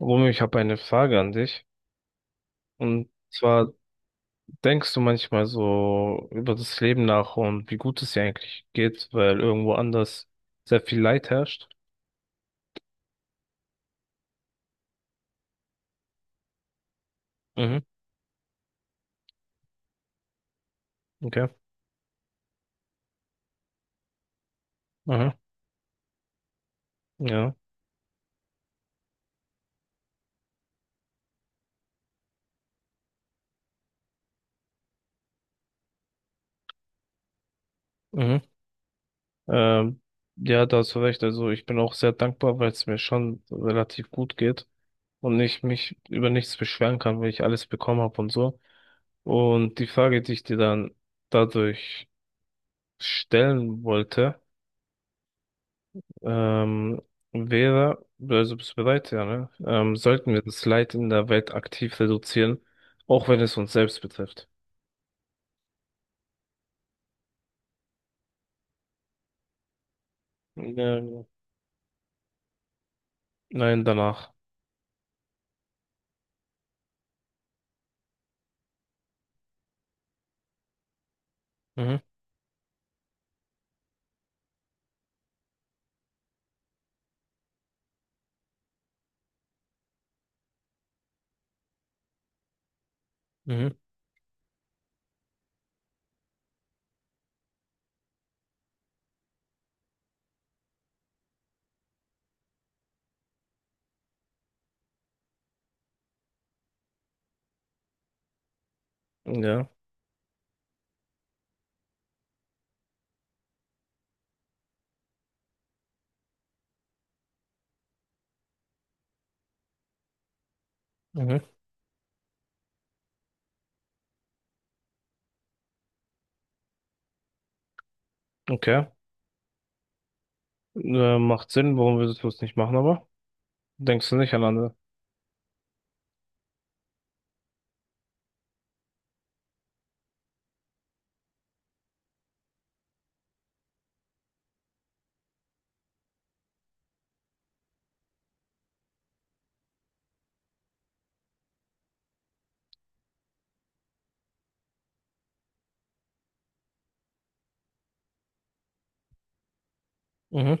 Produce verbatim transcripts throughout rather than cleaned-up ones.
Romeo, ich habe eine Frage an dich. Und zwar denkst du manchmal so über das Leben nach und wie gut es dir eigentlich geht, weil irgendwo anders sehr viel Leid herrscht. Mhm. Okay. Aha. Ja. Mhm. Ähm, ja, da hast du recht. Also ich bin auch sehr dankbar, weil es mir schon relativ gut geht und ich mich über nichts beschweren kann, weil ich alles bekommen habe und so. Und die Frage, die ich dir dann dadurch stellen wollte, Ähm, wäre, also bist du bereit, ja, ne? Ähm, sollten wir das Leid in der Welt aktiv reduzieren, auch wenn es uns selbst betrifft? Nein, nein, danach. Mhm, mhm, ja, mhm, okay. Äh, macht Sinn, warum würdest du es nicht machen, aber denkst du nicht an andere? Mhm.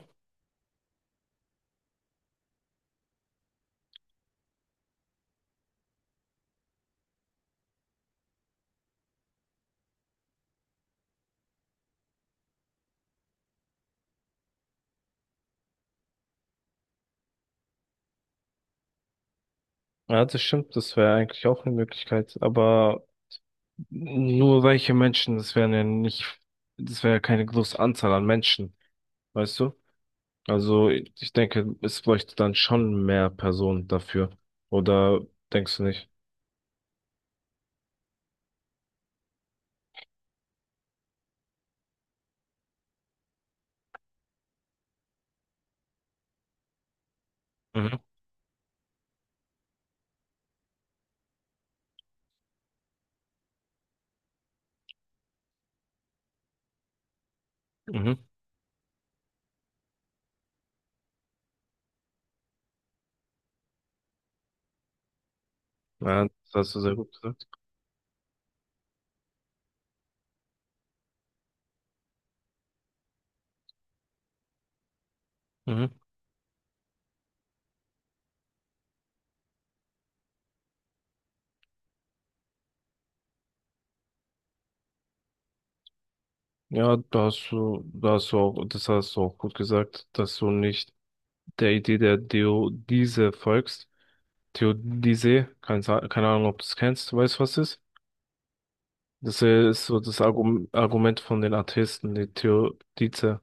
Ja, das stimmt, das wäre eigentlich auch eine Möglichkeit, aber nur reiche Menschen, das wären ja nicht, das wäre ja keine große Anzahl an Menschen, weißt du? Also ich denke, es bräuchte dann schon mehr Personen dafür. Oder denkst du nicht? Mhm. Mhm. Ja, das hast du sehr gut gesagt. Mhm. Ja, da hast du, da hast du auch, das hast du auch gut gesagt, dass du nicht der Idee der Theodise folgst. Theodizee, keine, Sa- keine Ahnung, ob du es kennst, du weißt, du, was es ist? Das ist so das Argum- Argument von den Atheisten, die Theodice.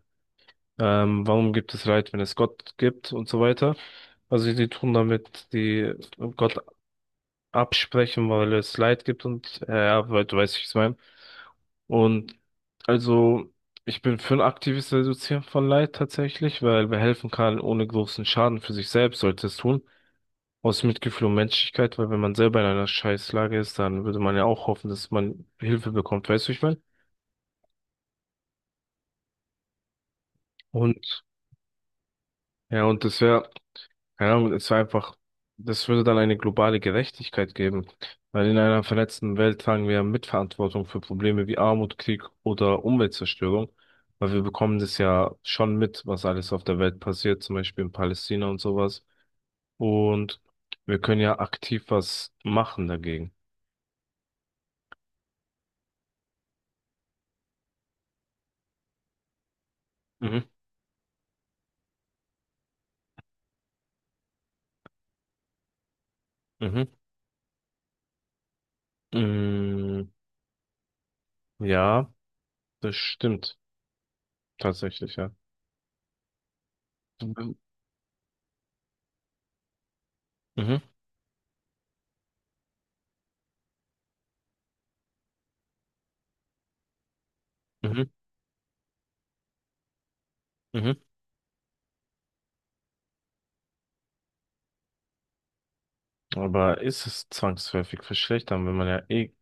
Ähm, warum gibt es Leid, wenn es Gott gibt und so weiter? Also die tun damit die Gott absprechen, weil es Leid gibt und äh, ja, weil du weißt, wie ich es meine. Und also ich bin für ein aktives Reduzieren von Leid tatsächlich, weil wer helfen kann, ohne großen Schaden für sich selbst, sollte es tun. Aus Mitgefühl und Menschlichkeit, weil wenn man selber in einer Scheißlage ist, dann würde man ja auch hoffen, dass man Hilfe bekommt, weißt du, wie ich meine? Und ja, und das wäre keine Ahnung, es war einfach, das würde dann eine globale Gerechtigkeit geben, weil in einer vernetzten Welt tragen wir Mitverantwortung für Probleme wie Armut, Krieg oder Umweltzerstörung, weil wir bekommen das ja schon mit, was alles auf der Welt passiert, zum Beispiel in Palästina und sowas. Und wir können ja aktiv was machen dagegen. Mhm, mhm. Mm, ja, das stimmt tatsächlich, ja. Mhm, mhm, mhm. Aber ist es zwangsläufig verschlechtern, wenn man ja eh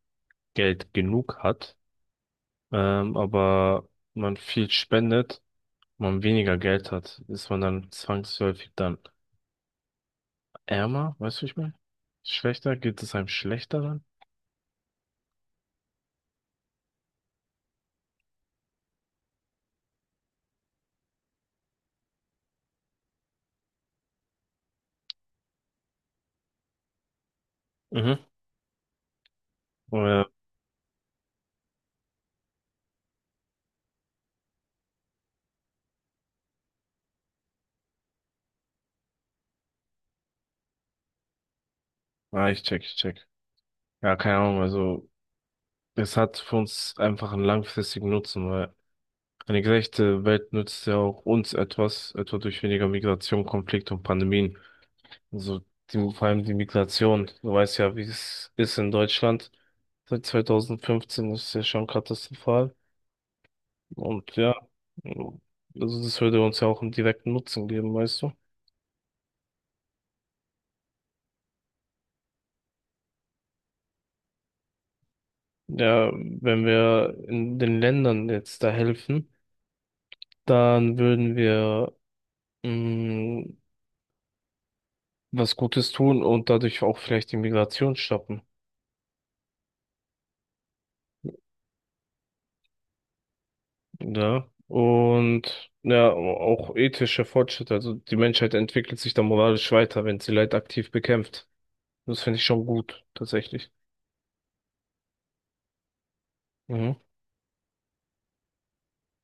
Geld genug hat, ähm, aber man viel spendet, man weniger Geld hat, ist man dann zwangsläufig dann ärmer, weißt du, wie ich meine? Schlechter, geht es einem schlechter dann? Mhm. Oder, ah, ich check, ich check. Ja, keine Ahnung, also es hat für uns einfach einen langfristigen Nutzen, weil eine gerechte Welt nützt ja auch uns etwas, etwa durch weniger Migration, Konflikt und Pandemien. Also die, vor allem die Migration. Du weißt ja, wie es ist in Deutschland. Seit zwanzig fünfzehn ist es ja schon katastrophal. Und ja, also das würde uns ja auch einen direkten Nutzen geben, weißt du? Ja, wenn wir in den Ländern jetzt da helfen, dann würden wir mh, was Gutes tun und dadurch auch vielleicht die Migration stoppen. Ja, und ja, auch ethischer Fortschritt. Also die Menschheit entwickelt sich da moralisch weiter, wenn sie Leid aktiv bekämpft. Das finde ich schon gut, tatsächlich. Mhm.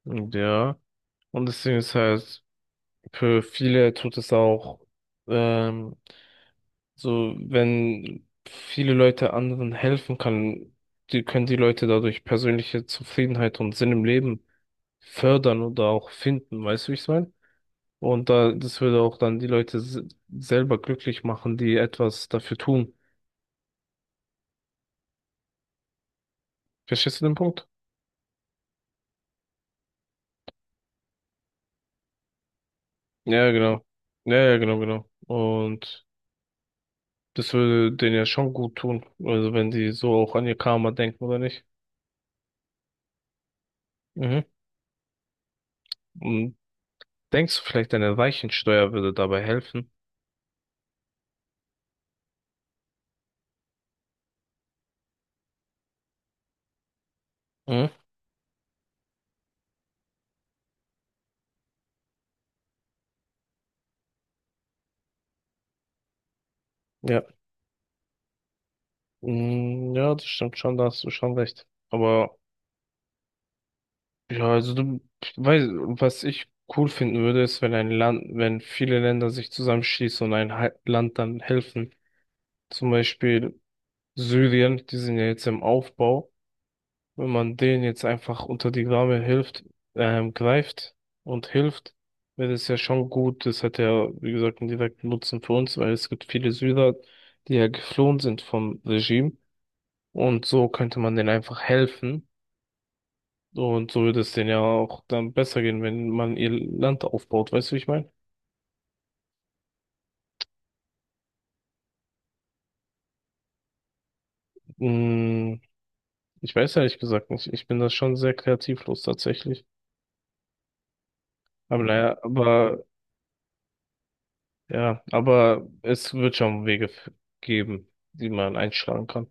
Und ja. Und deswegen ist halt, für viele tut es auch, ähm, so, wenn viele Leute anderen helfen kann, die können die Leute dadurch persönliche Zufriedenheit und Sinn im Leben fördern oder auch finden. Weißt du, wie ich es meine? Und da, das würde auch dann die Leute s- selber glücklich machen, die etwas dafür tun. Verstehst du den Punkt? Ja, genau. Ja, ja, genau, genau. Und das würde denen ja schon gut tun. Also wenn die so auch an ihr Karma denken, oder nicht? Mhm. Und denkst du vielleicht, eine Weichensteuer würde dabei helfen? Mhm. Ja. Mm, ja, das stimmt schon, da hast du schon recht. Aber ja, also du weißt, was ich cool finden würde, ist, wenn ein Land, wenn viele Länder sich zusammenschließen und ein Hal- Land dann helfen. Zum Beispiel Syrien, die sind ja jetzt im Aufbau. Wenn man denen jetzt einfach unter die Arme hilft, ähm, greift und hilft, wäre das ja schon gut. Das hat ja, wie gesagt, einen direkten Nutzen für uns, weil es gibt viele Syrer, die ja geflohen sind vom Regime. Und so könnte man denen einfach helfen. Und so würde es denen ja auch dann besser gehen, wenn man ihr Land aufbaut. Weißt du, wie ich meine? Mm, ich weiß ehrlich gesagt nicht. Ich bin da schon sehr kreativlos tatsächlich. Aber naja, aber ja, aber es wird schon Wege f- geben, die man einschlagen kann.